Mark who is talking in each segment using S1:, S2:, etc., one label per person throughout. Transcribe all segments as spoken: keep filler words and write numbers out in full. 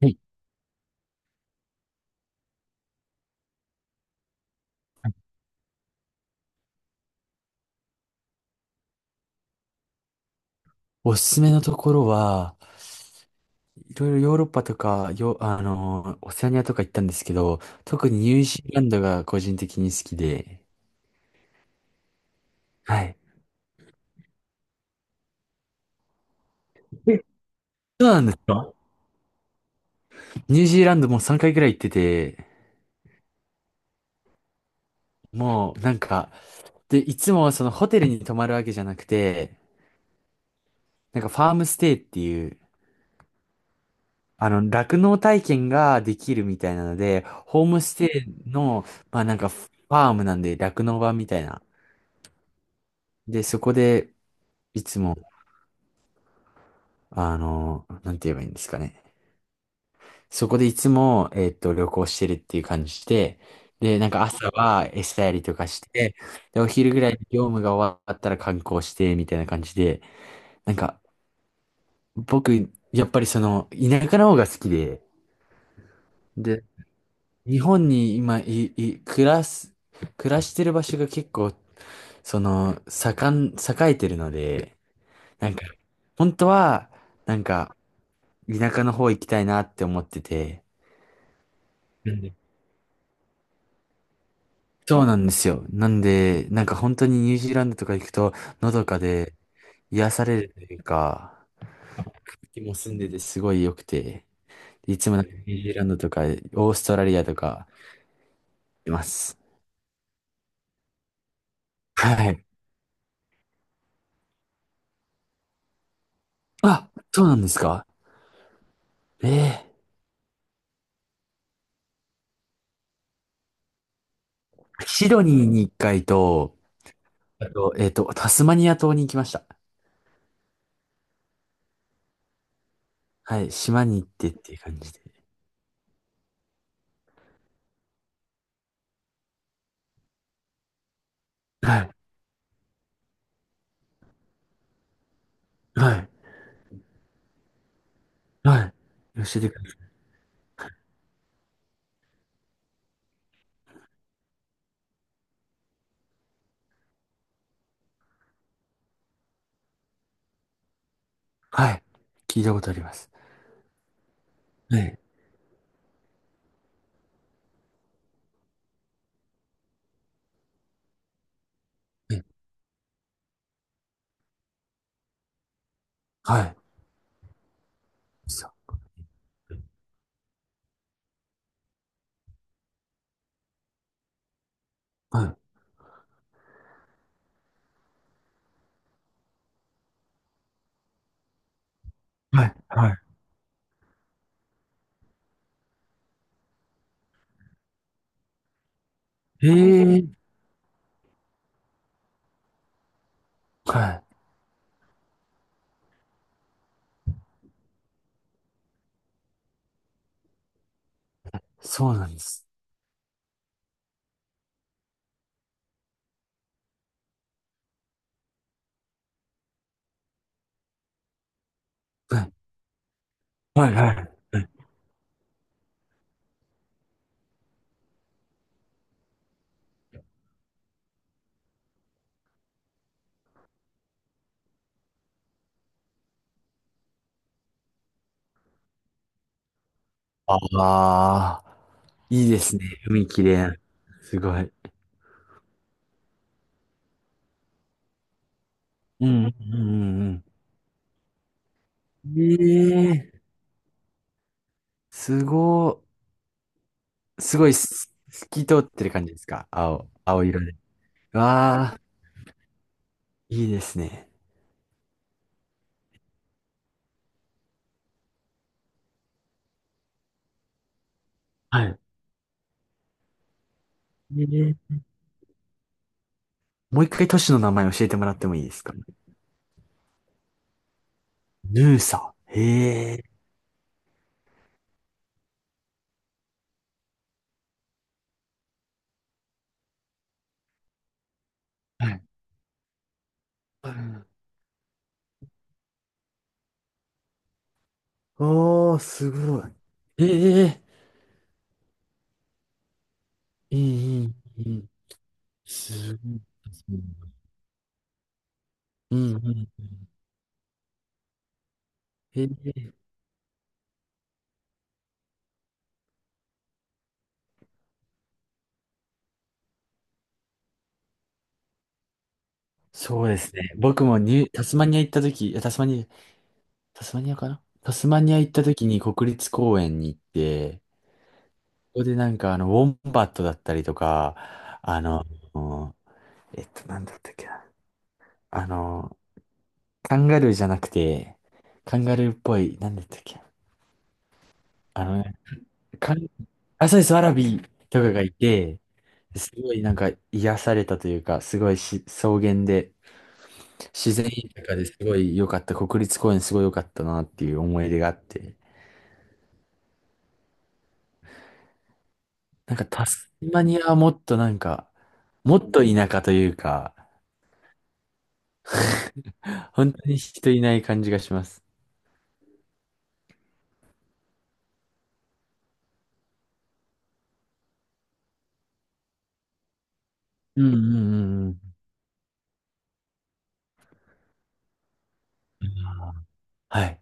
S1: はい。おすすめのところは、いろいろヨーロッパとか、よ、あのー、オセアニアとか行ったんですけど、特にニュージーランドが個人的に好きで、はい。え、そうなんですか。ニュージーランドもうさんかいくらい行ってて、もうなんか、で、いつもそのホテルに泊まるわけじゃなくて、なんかファームステイっていう、あの、酪農体験ができるみたいなので、ホームステイの、まあなんかファームなんで酪農場みたいな。で、そこで、いつもあの、なんて言えばいいんですかね。そこでいつも、えっと、旅行してるっていう感じで、で、なんか朝は餌やりとかして、で、お昼ぐらいに業務が終わったら観光して、みたいな感じで、なんか、僕、やっぱりその、田舎の方が好きで、で、日本に今、い、い、暮らす、暮らしてる場所が結構、その、盛ん、栄えてるので、なんか、本当は、なんか、田舎の方行きたいなって思ってて、そうなんですよ。なんで、なんか本当にニュージーランドとか行くと、のどかで癒されるというか、気も澄んでてすごい良くて、いつもなんかニュージーランドとか、オーストラリアとかいます。はい。あ、そうなんですか。ええ、シドニーに一回と、あと、えっと、タスマニア島に行きました。はい。島に行ってっていう感じで。はい。はい。はい。教えてください。はい。聞いたことあります。はい。はい。はい。そう、はい。はい。はい、ええ、はい。そうなんです。はい。はい、はい。ああ、いいですね。海きれい。すごい。うん、うん、うん、うん。ええ、すごい、すごいす、透き通ってる感じですか？青、青色で。わあ、いいですね。はい。ええ、もう一回都市の名前教えてもらってもいいですか？ヌーサ。へえ。はい。おー、すごい。ええ、いい、いい、いい。すごい。うんうん。へえ、そうですね。僕もニュー、タスマニア行った時、いやタスマニア、タスマニアかなタスマニア行った時に国立公園に行って、ここでなんかあの、ウォンバットだったりとか、あの、えっと、なんだったっけな。あの、カンガルーじゃなくて、カンガルーっぽい、なんだったっけな。あの、カン、あ、そうです、ワラビーとかがいて、すごいなんか癒されたというか、すごいし草原で、自然豊かですごい良かった、国立公園すごい良かったなっていう思い出があって、なんかタスマニアはもっとなんか、もっと田舎というか、本当に人いない感じがします。うんうんうんうん。はい。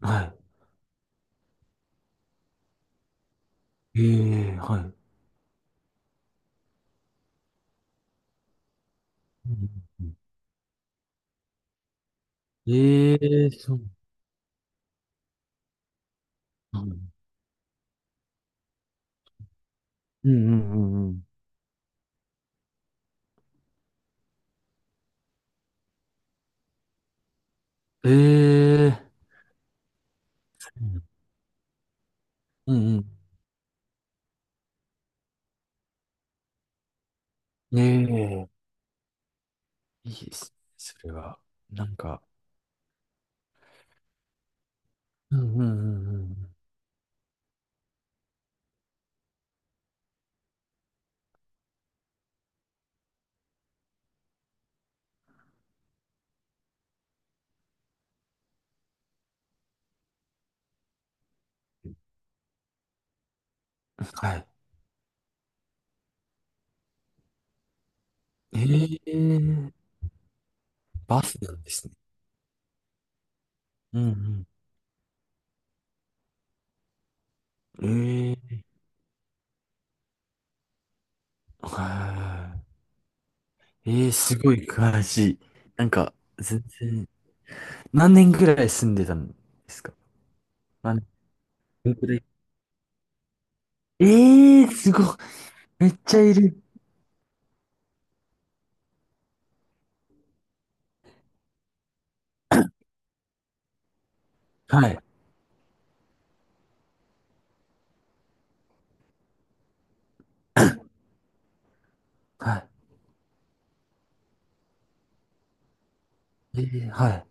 S1: はい。ええ、はい。うんうんうん、ええ、そうなんだ。うんうんうんうん。ええ、うんうんうん。ええ、いいですね、それは。なんか、うんうんうんうん。はい。ええ、バスなんですね。うんうん。ええ、はーい。ええ、すごい詳しい。なんか、全然、何年ぐらい住んでたんですか？何年ぐらい。ええ、すごい。めっちゃいる。はい。はい。ええ、はい。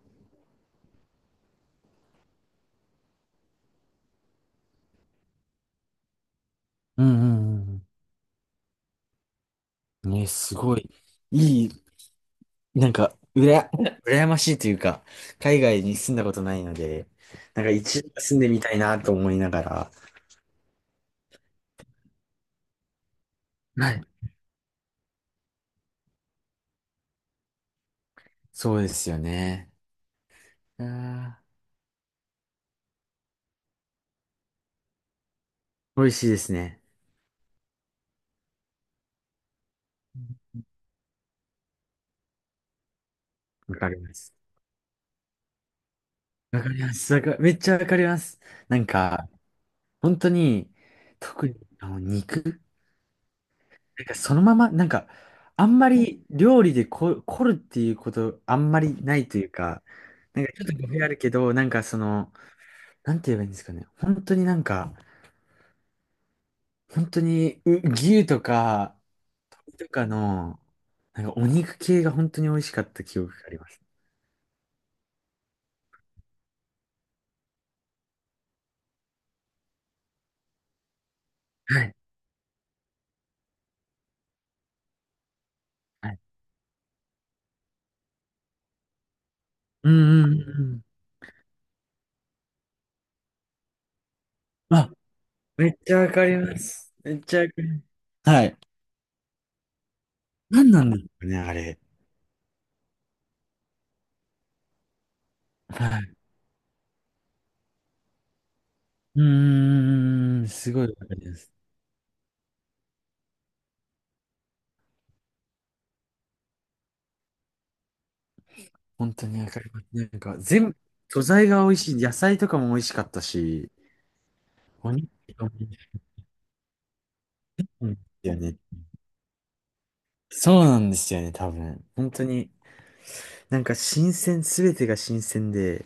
S1: うんうんうん。ね、すごい。いい、なんか、うら、羨ましいというか、海外に住んだことないので、なんか一度は住んでみたいなと思いながら。はい。そうですよね。あー、美味しいですね。わかります。わかります。わか、めっちゃわかります。なんか、本当に、特にあの肉、なんかそのまま、なんか、あんまり料理でこ、凝るっていうこと、あんまりないというか、なんかちょっと語弊あるけど、なんかその、なんて言えばいいんですかね。本当になんか、本当にう牛とか、鶏とかの、なんかお肉系が本当に美味しかった記憶があります。はい。はい。うんうんうんうん。あ、めっちゃわかります。めっちゃわかります。はい。何なんですかね、あれ。はい。うーん、すごいわかります。本当にわかります。なんか、全部、素材が美味しい。野菜とかも美味しかったし、お肉も美味しいんですよね。そうなんですよね、多分。本当に、なんか新鮮、すべてが新鮮で、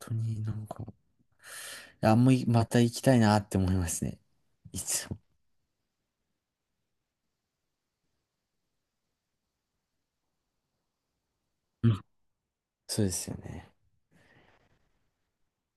S1: 本当になんか、あんまりまた行きたいなって思いますね。いつも。うん、そうですよね。